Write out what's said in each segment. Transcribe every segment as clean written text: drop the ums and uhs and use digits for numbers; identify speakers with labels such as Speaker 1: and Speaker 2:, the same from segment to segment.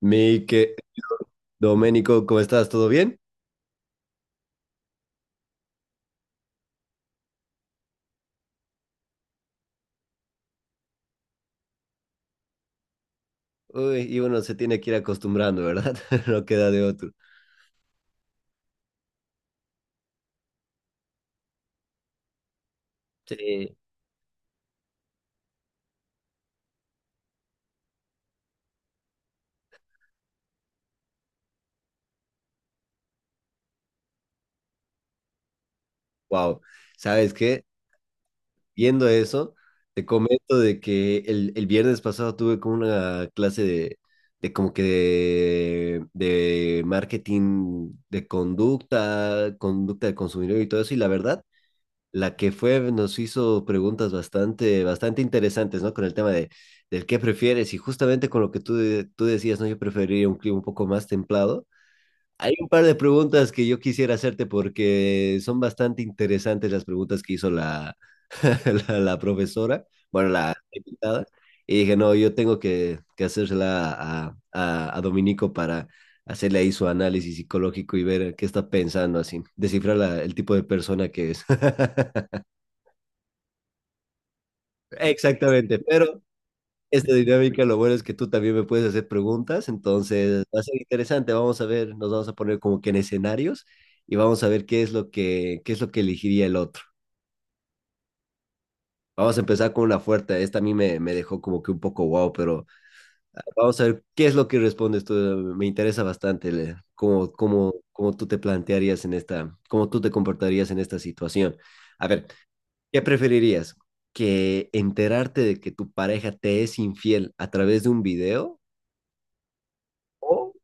Speaker 1: Mi que Domenico, ¿cómo estás? ¿Todo bien? Uy, y uno se tiene que ir acostumbrando, ¿verdad? No queda de otro. Sí, wow. ¿Sabes qué? Viendo eso, te comento de que el viernes pasado tuve como una clase de como que de, de marketing de conducta, conducta del consumidor y todo eso, y la verdad. La que fue nos hizo preguntas bastante interesantes, ¿no? Con el tema de, del qué prefieres y justamente con lo que tú, tú decías, ¿no? Yo preferiría un clima un poco más templado. Hay un par de preguntas que yo quisiera hacerte porque son bastante interesantes las preguntas que hizo la profesora, bueno, la invitada. Y dije, no, yo tengo que hacérsela a Dominico para hacerle ahí su análisis psicológico y ver qué está pensando, así, descifrar el tipo de persona que es. Exactamente, pero esta dinámica lo bueno es que tú también me puedes hacer preguntas, entonces va a ser interesante, vamos a ver, nos vamos a poner como que en escenarios y vamos a ver qué es lo que, qué es lo que elegiría el otro. Vamos a empezar con una fuerte, esta a mí me dejó como que un poco wow, pero ah, vamos a ver qué es lo que respondes tú, me interesa bastante cómo tú te plantearías en esta, cómo tú te comportarías en esta situación. A ver, ¿qué preferirías? ¿Que enterarte de que tu pareja te es infiel a través de un video o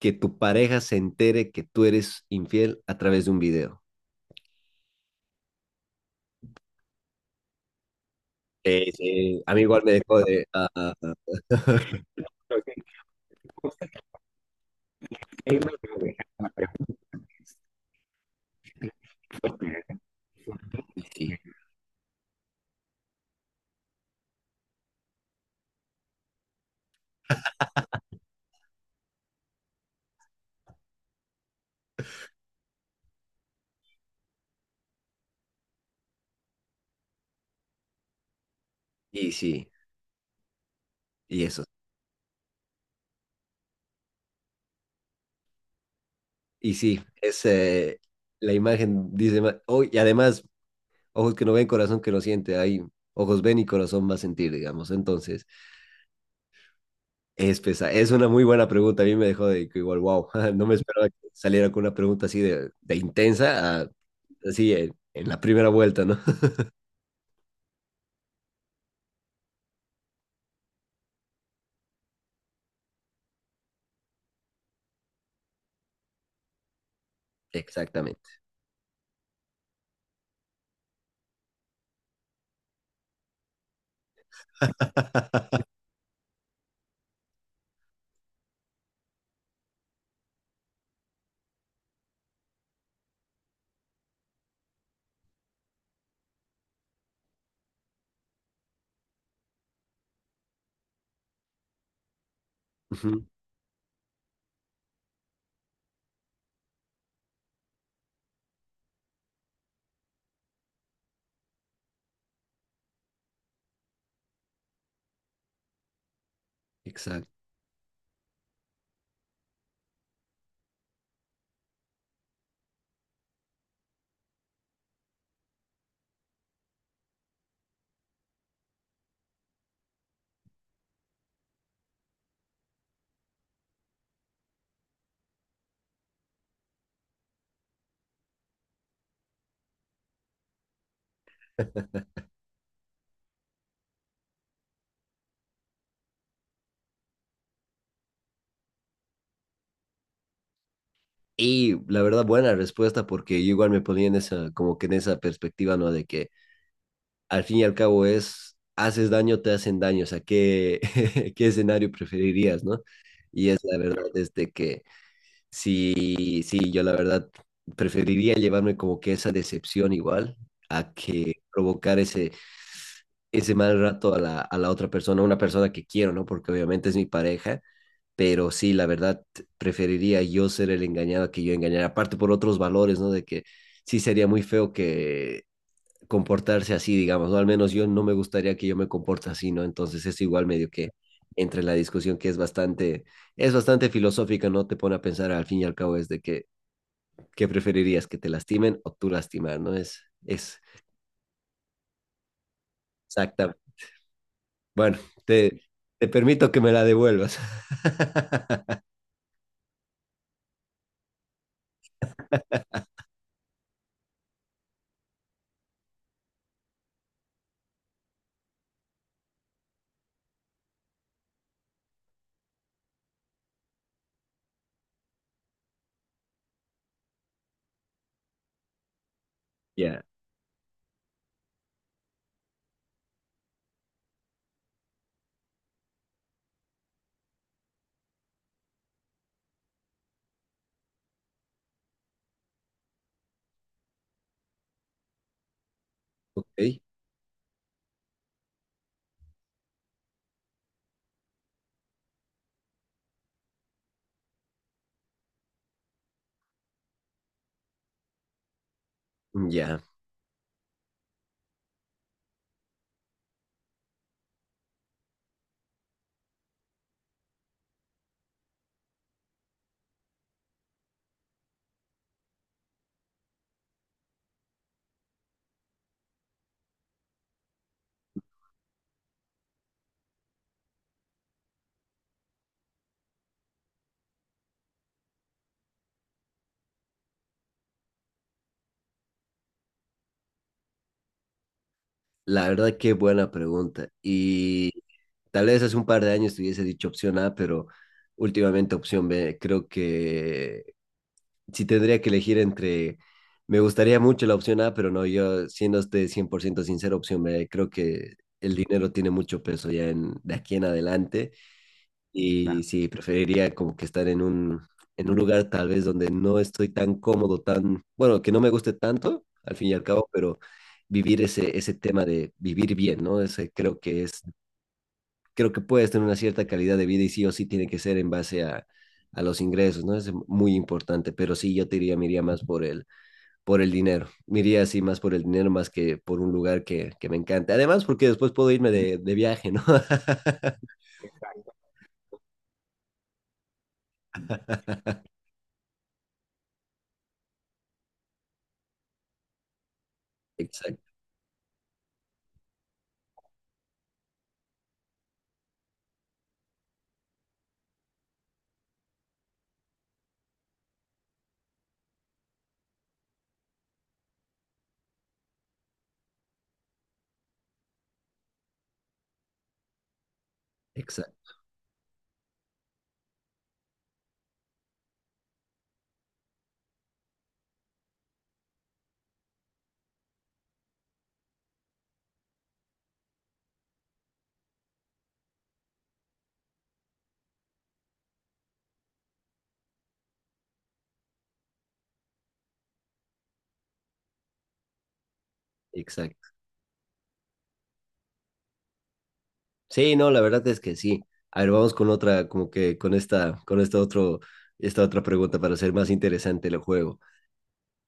Speaker 1: que tu pareja se entere que tú eres infiel a través de un video? Sí, a mí igual me dejó de... y sí, y sí, y eso. Y sí, es la imagen dice más... Oh, y además, ojos que no ven, corazón que no siente. Ahí, ojos ven y corazón va a sentir, digamos. Entonces... Es una muy buena pregunta. A mí me dejó de que igual, wow, no me esperaba que saliera con una pregunta así de intensa, así en la primera vuelta, ¿no? Exactamente. Ujú. Exacto. Y la verdad, buena respuesta, porque yo igual me ponía en esa, como que en esa perspectiva, ¿no? De que al fin y al cabo es, haces daño, te hacen daño, o sea, ¿qué, qué escenario preferirías, ¿no? Y es la verdad, desde que sí, sí, yo la verdad preferiría llevarme como que esa decepción igual a que provocar ese, ese mal rato a a la otra persona, una persona que quiero, ¿no? Porque obviamente es mi pareja, pero sí, la verdad preferiría yo ser el engañado que yo engañar, aparte por otros valores, ¿no? De que sí sería muy feo que comportarse así, digamos, o al menos yo no me gustaría que yo me comporte así, ¿no? Entonces es igual medio que entre en la discusión que es bastante filosófica, ¿no? Te pone a pensar al fin y al cabo es de que, ¿qué preferirías? ¿Que te lastimen o tú lastimar, ¿no? Es exacta. Bueno, te, te permito que me la devuelvas. Ya, ok, ya. La verdad, qué buena pregunta. Y tal vez hace un par de años te hubiese dicho opción A, pero últimamente opción B. Creo que si tendría que elegir entre, me gustaría mucho la opción A, pero no, yo siendo usted 100% sincero, opción B, creo que el dinero tiene mucho peso ya en, de aquí en adelante y claro. Sí, preferiría como que estar en un lugar tal vez donde no estoy tan cómodo, tan, bueno, que no me guste tanto, al fin y al cabo, pero vivir ese, ese tema de vivir bien, ¿no? Ese creo que es creo que puedes tener una cierta calidad de vida y sí o sí tiene que ser en base a los ingresos, ¿no? Es muy importante, pero sí yo te diría, me iría más por por el dinero, me iría así más por el dinero más que por un lugar que me encante. Además, porque después puedo irme de viaje, ¿no? Exacto, exacto, exacto. Sí, no, la verdad es que sí. A ver, vamos con otra, como que con esta otro, esta otra pregunta para hacer más interesante el juego.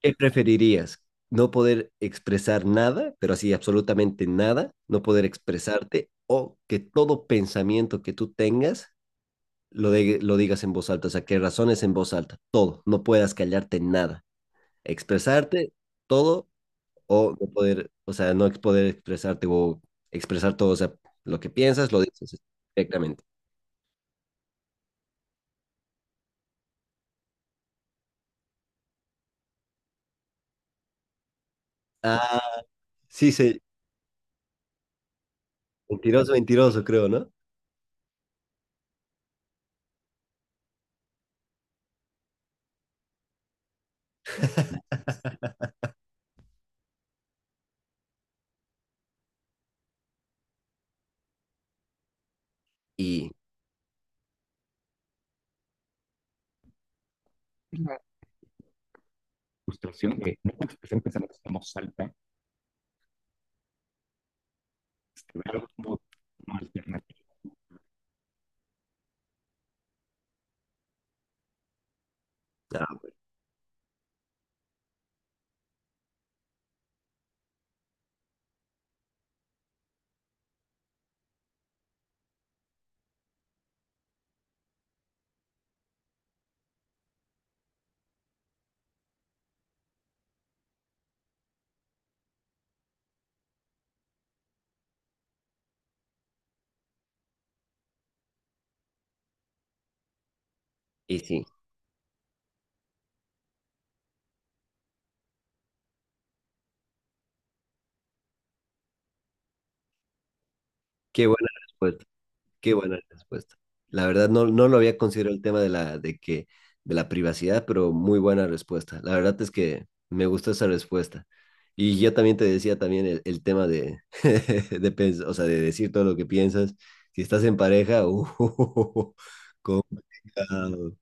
Speaker 1: ¿Qué preferirías? ¿No poder expresar nada, pero así absolutamente nada? ¿No poder expresarte o que todo pensamiento que tú tengas lo, lo digas en voz alta? O sea, que razones en voz alta, todo, no puedas callarte nada. Expresarte todo o no poder, o sea, no ex- poder expresarte o expresar todo, o sea, lo que piensas lo dices directamente. Ah, sí, sí, mentiroso, mentiroso, creo, ¿no? Y, ah, y sí, qué buena respuesta. Qué buena respuesta. La verdad no, no lo había considerado el tema de la, de que, de la privacidad, pero muy buena respuesta. La verdad es que me gustó esa respuesta. Y yo también te decía también el tema de, de, o sea, de decir todo lo que piensas. Si estás en pareja, complicado.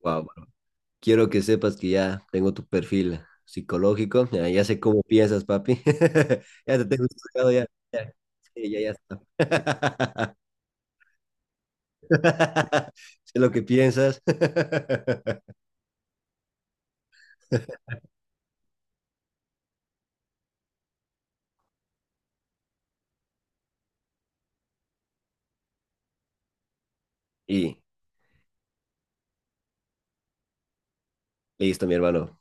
Speaker 1: Guau, bro. Quiero que sepas que ya tengo tu perfil psicológico. Ya, ya sé cómo piensas, papi. Ya te tengo estudiado, ya. Ya, sí, ya, ya está. Sé lo que piensas. Y listo, mi hermano.